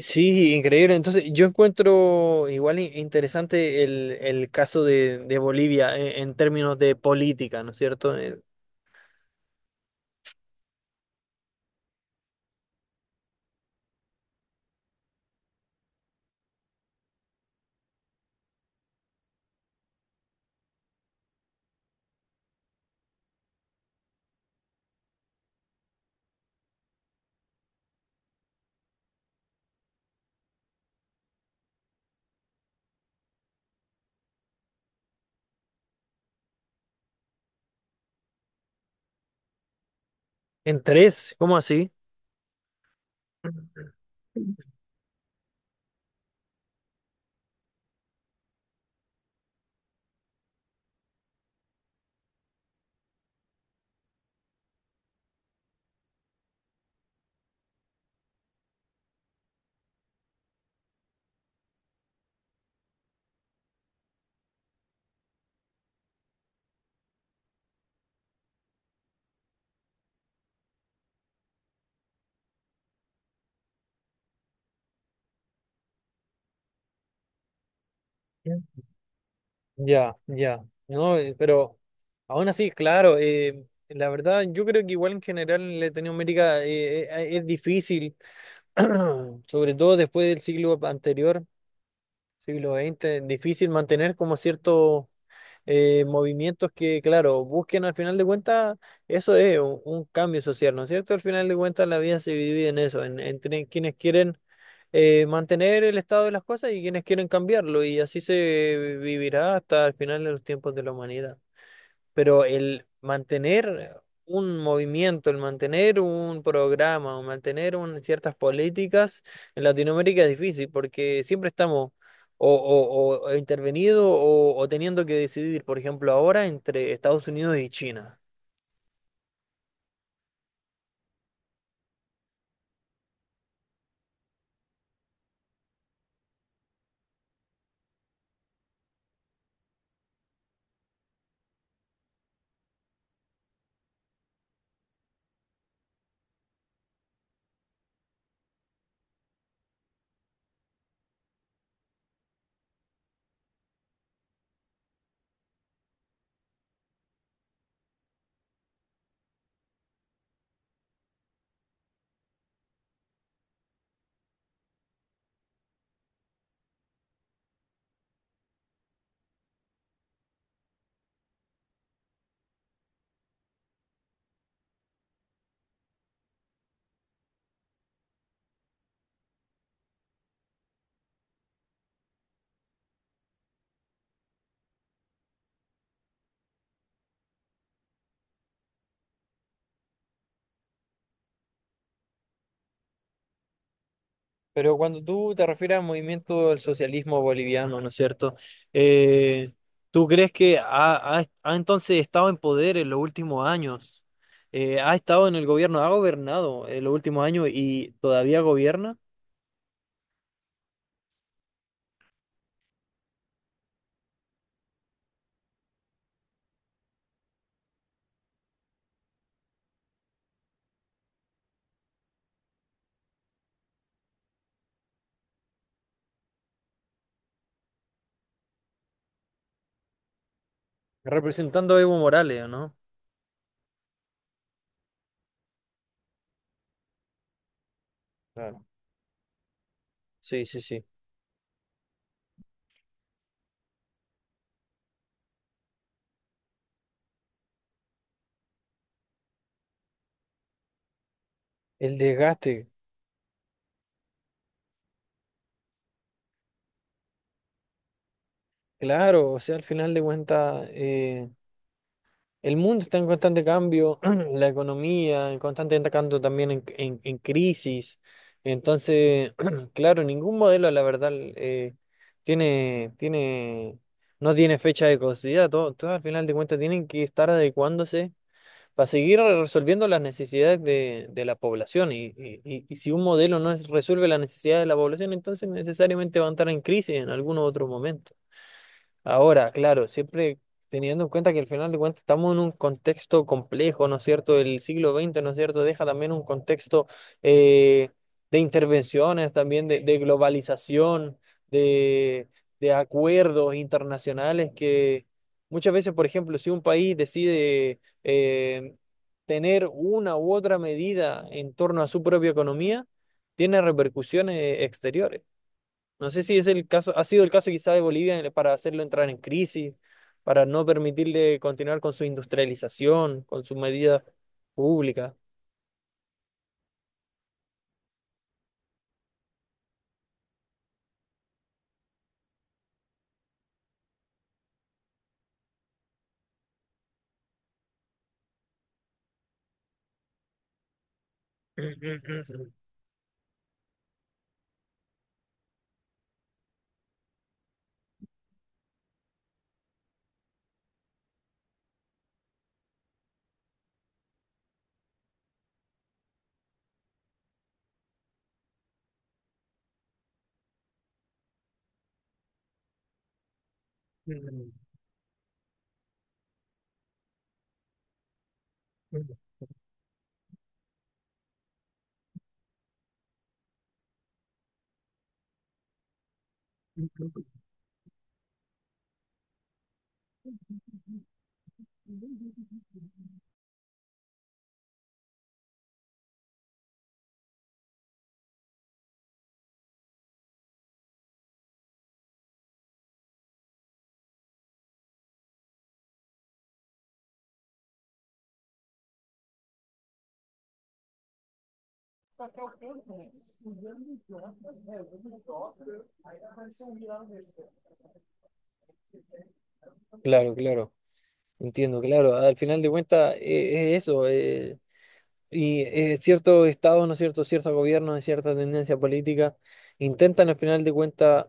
Sí, increíble. Entonces, yo encuentro igual interesante el caso de Bolivia en términos de política, ¿no es cierto? En tres, ¿cómo así? Mm. Ya, ya. No, pero aún así, claro, la verdad, yo creo que igual en general Latinoamérica es difícil, sobre todo después del siglo anterior, siglo XX, difícil mantener como cierto movimientos que, claro, busquen al final de cuentas, eso es un cambio social, ¿no es cierto? Al final de cuentas la vida se divide en eso, en, entre quienes quieren mantener el estado de las cosas y quienes quieren cambiarlo, y así se vivirá hasta el final de los tiempos de la humanidad, pero el mantener un movimiento, el mantener un programa, o mantener ciertas políticas en Latinoamérica es difícil porque siempre estamos o intervenido o teniendo que decidir, por ejemplo, ahora entre Estados Unidos y China. Pero cuando tú te refieres al movimiento del socialismo boliviano, ¿no es cierto? Eh, ¿Tú crees que ha entonces estado en poder en los últimos años? ¿Ha estado en el gobierno? ¿Ha gobernado en los últimos años y todavía gobierna? Representando a Evo Morales, ¿o no? Claro. Sí, sí, sí. El desgaste, claro, o sea, al final de cuentas, el mundo está en constante cambio, la economía en constante cambio también en, en crisis. Entonces, claro, ningún modelo, la verdad, tiene, no tiene fecha de caducidad. Todos, al final de cuentas, tienen que estar adecuándose para seguir resolviendo las necesidades de la población. Y si un modelo no es- resuelve las necesidades de la población, entonces necesariamente van a estar en crisis en algún otro momento. Ahora, claro, siempre teniendo en cuenta que al final de cuentas estamos en un contexto complejo, ¿no es cierto? El siglo XX, ¿no es cierto? Deja también un contexto, eh, de intervenciones, también de globalización, de, de acuerdos internacionales que muchas veces, por ejemplo, si un país decide tener una u otra medida en torno a su propia economía, tiene repercusiones exteriores. No sé si es el caso, ha sido el caso quizá de Bolivia para hacerlo entrar en crisis, para no permitirle continuar con su industrialización, con sus medidas públicas. Claro, claro, entiendo, claro. Al final de cuentas, es eso. Y ciertos estados, ¿no es cierto? Ciertos gobiernos de cierta tendencia política intentan al final de cuentas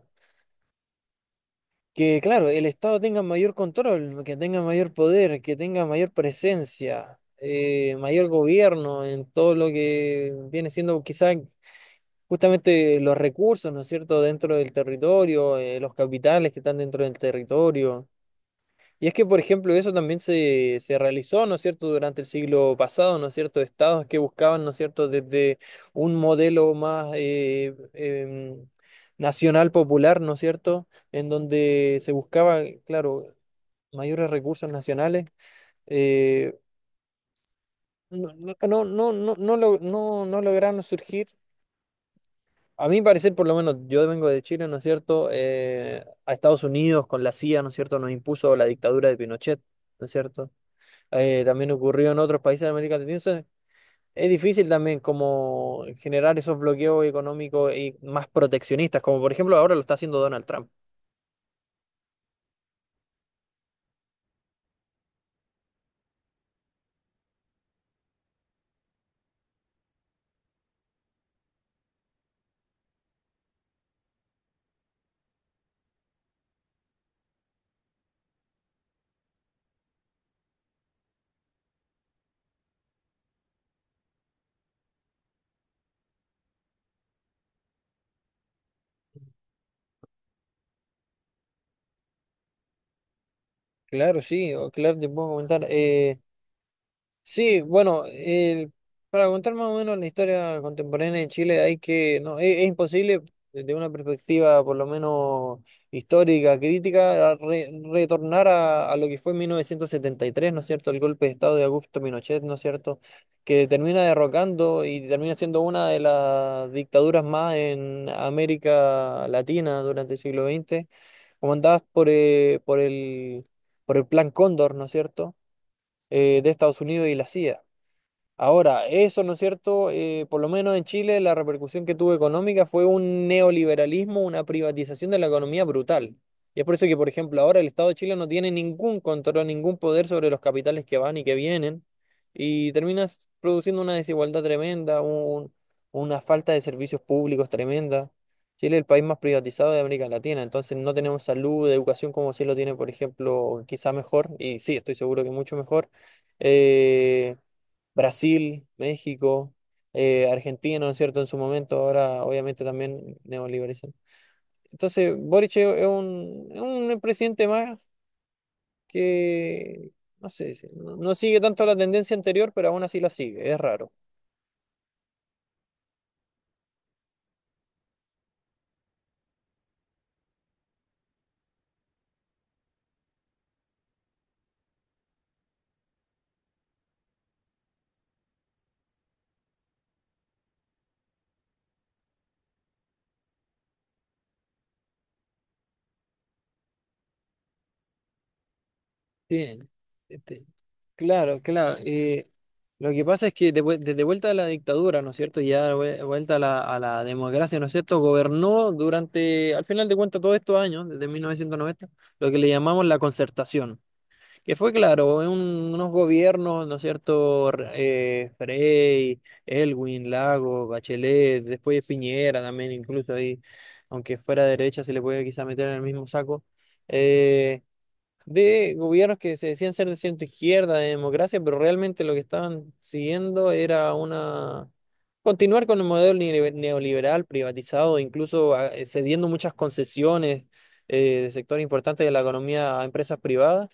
que, claro, el Estado tenga mayor control, que tenga mayor poder, que tenga mayor presencia, mayor gobierno en todo lo que viene siendo quizás justamente los recursos, ¿no es cierto?, dentro del territorio, los capitales que están dentro del territorio. Y es que, por ejemplo, eso también se realizó, ¿no es cierto?, durante el siglo pasado, ¿no es cierto?, estados que buscaban, ¿no es cierto?, desde un modelo más nacional popular, ¿no es cierto?, en donde se buscaba, claro, mayores recursos nacionales, eh, no, no, no, no, no, no lo- no, no lograron surgir. A mi parecer, por lo menos, yo vengo de Chile, ¿no es cierto?, a Estados Unidos con la CIA, ¿no es cierto?, nos impuso la dictadura de Pinochet, ¿no es cierto? Eh, también ocurrió en otros países de América Latina. Entonces, es difícil también como generar esos bloqueos económicos y más proteccionistas, como por ejemplo ahora lo está haciendo Donald Trump. Claro, sí, claro, te puedo comentar. Sí, bueno, para contar más o menos la historia contemporánea de Chile hay que, no, es imposible desde una perspectiva por lo menos histórica, crítica, a retornar a lo que fue en 1973, ¿no es cierto? El golpe de Estado de Augusto Pinochet, ¿no es cierto? Que termina derrocando y termina siendo una de las dictaduras más en América Latina durante el siglo XX, comandadas por el Plan Cóndor, ¿no es cierto? Eh, de Estados Unidos y la CIA. Ahora, eso, ¿no es cierto? Por lo menos en Chile la repercusión que tuvo económica fue un neoliberalismo, una privatización de la economía brutal. Y es por eso que, por ejemplo, ahora el Estado de Chile no tiene ningún control, ningún poder sobre los capitales que van y que vienen. Y terminas produciendo una desigualdad tremenda, una falta de servicios públicos tremenda. Chile es el país más privatizado de América Latina, entonces no tenemos salud, educación como sí lo tiene, por ejemplo, quizá mejor, y sí, estoy seguro que mucho mejor. Eh, Brasil, México, Argentina, ¿no es cierto? En su momento, ahora obviamente también neoliberalizan. Entonces, Boric es es un presidente más que, no sé, no sigue tanto la tendencia anterior, pero aún así la sigue, es raro. Bien, este, claro, claro. Eh, lo que pasa es que de desde vuelta a la dictadura, ¿no es cierto? Y ya vuelta a la democracia, ¿no es cierto? Gobernó durante, al final de cuentas, todos estos años, desde 1990, lo que le llamamos la concertación, que fue claro, en unos gobiernos, ¿no es cierto? Frey, Elwin, Lago, Bachelet, después de Piñera también, incluso ahí, aunque fuera derecha, se le puede quizá meter en el mismo saco, eh, de gobiernos que se decían ser de centro izquierda, de democracia, pero realmente lo que estaban siguiendo era una... Continuar con el modelo neoliberal privatizado, incluso cediendo muchas concesiones, de sectores importantes de la economía a empresas privadas,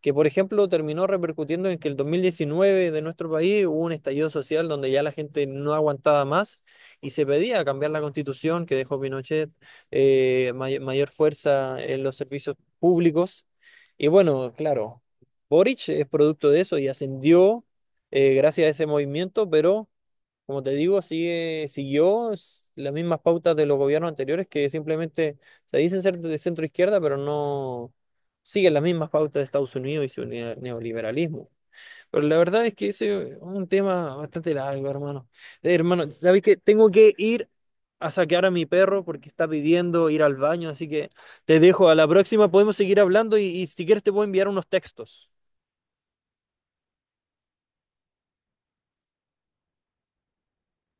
que por ejemplo terminó repercutiendo en que el 2019 de nuestro país hubo un estallido social donde ya la gente no aguantaba más y se pedía cambiar la constitución que dejó Pinochet, mayor fuerza en los servicios públicos. Y bueno, claro, Boric es producto de eso y ascendió, gracias a ese movimiento, pero como te digo, sigue, las mismas pautas de los gobiernos anteriores que simplemente se dicen ser de centro izquierda, pero no siguen las mismas pautas de Estados Unidos y su neoliberalismo. Pero la verdad es que ese es un tema bastante largo, hermano. Hermano, ¿sabes qué? Tengo que ir a sacar a mi perro porque está pidiendo ir al baño, así que te dejo. A la próxima podemos seguir hablando y si quieres te puedo enviar unos textos.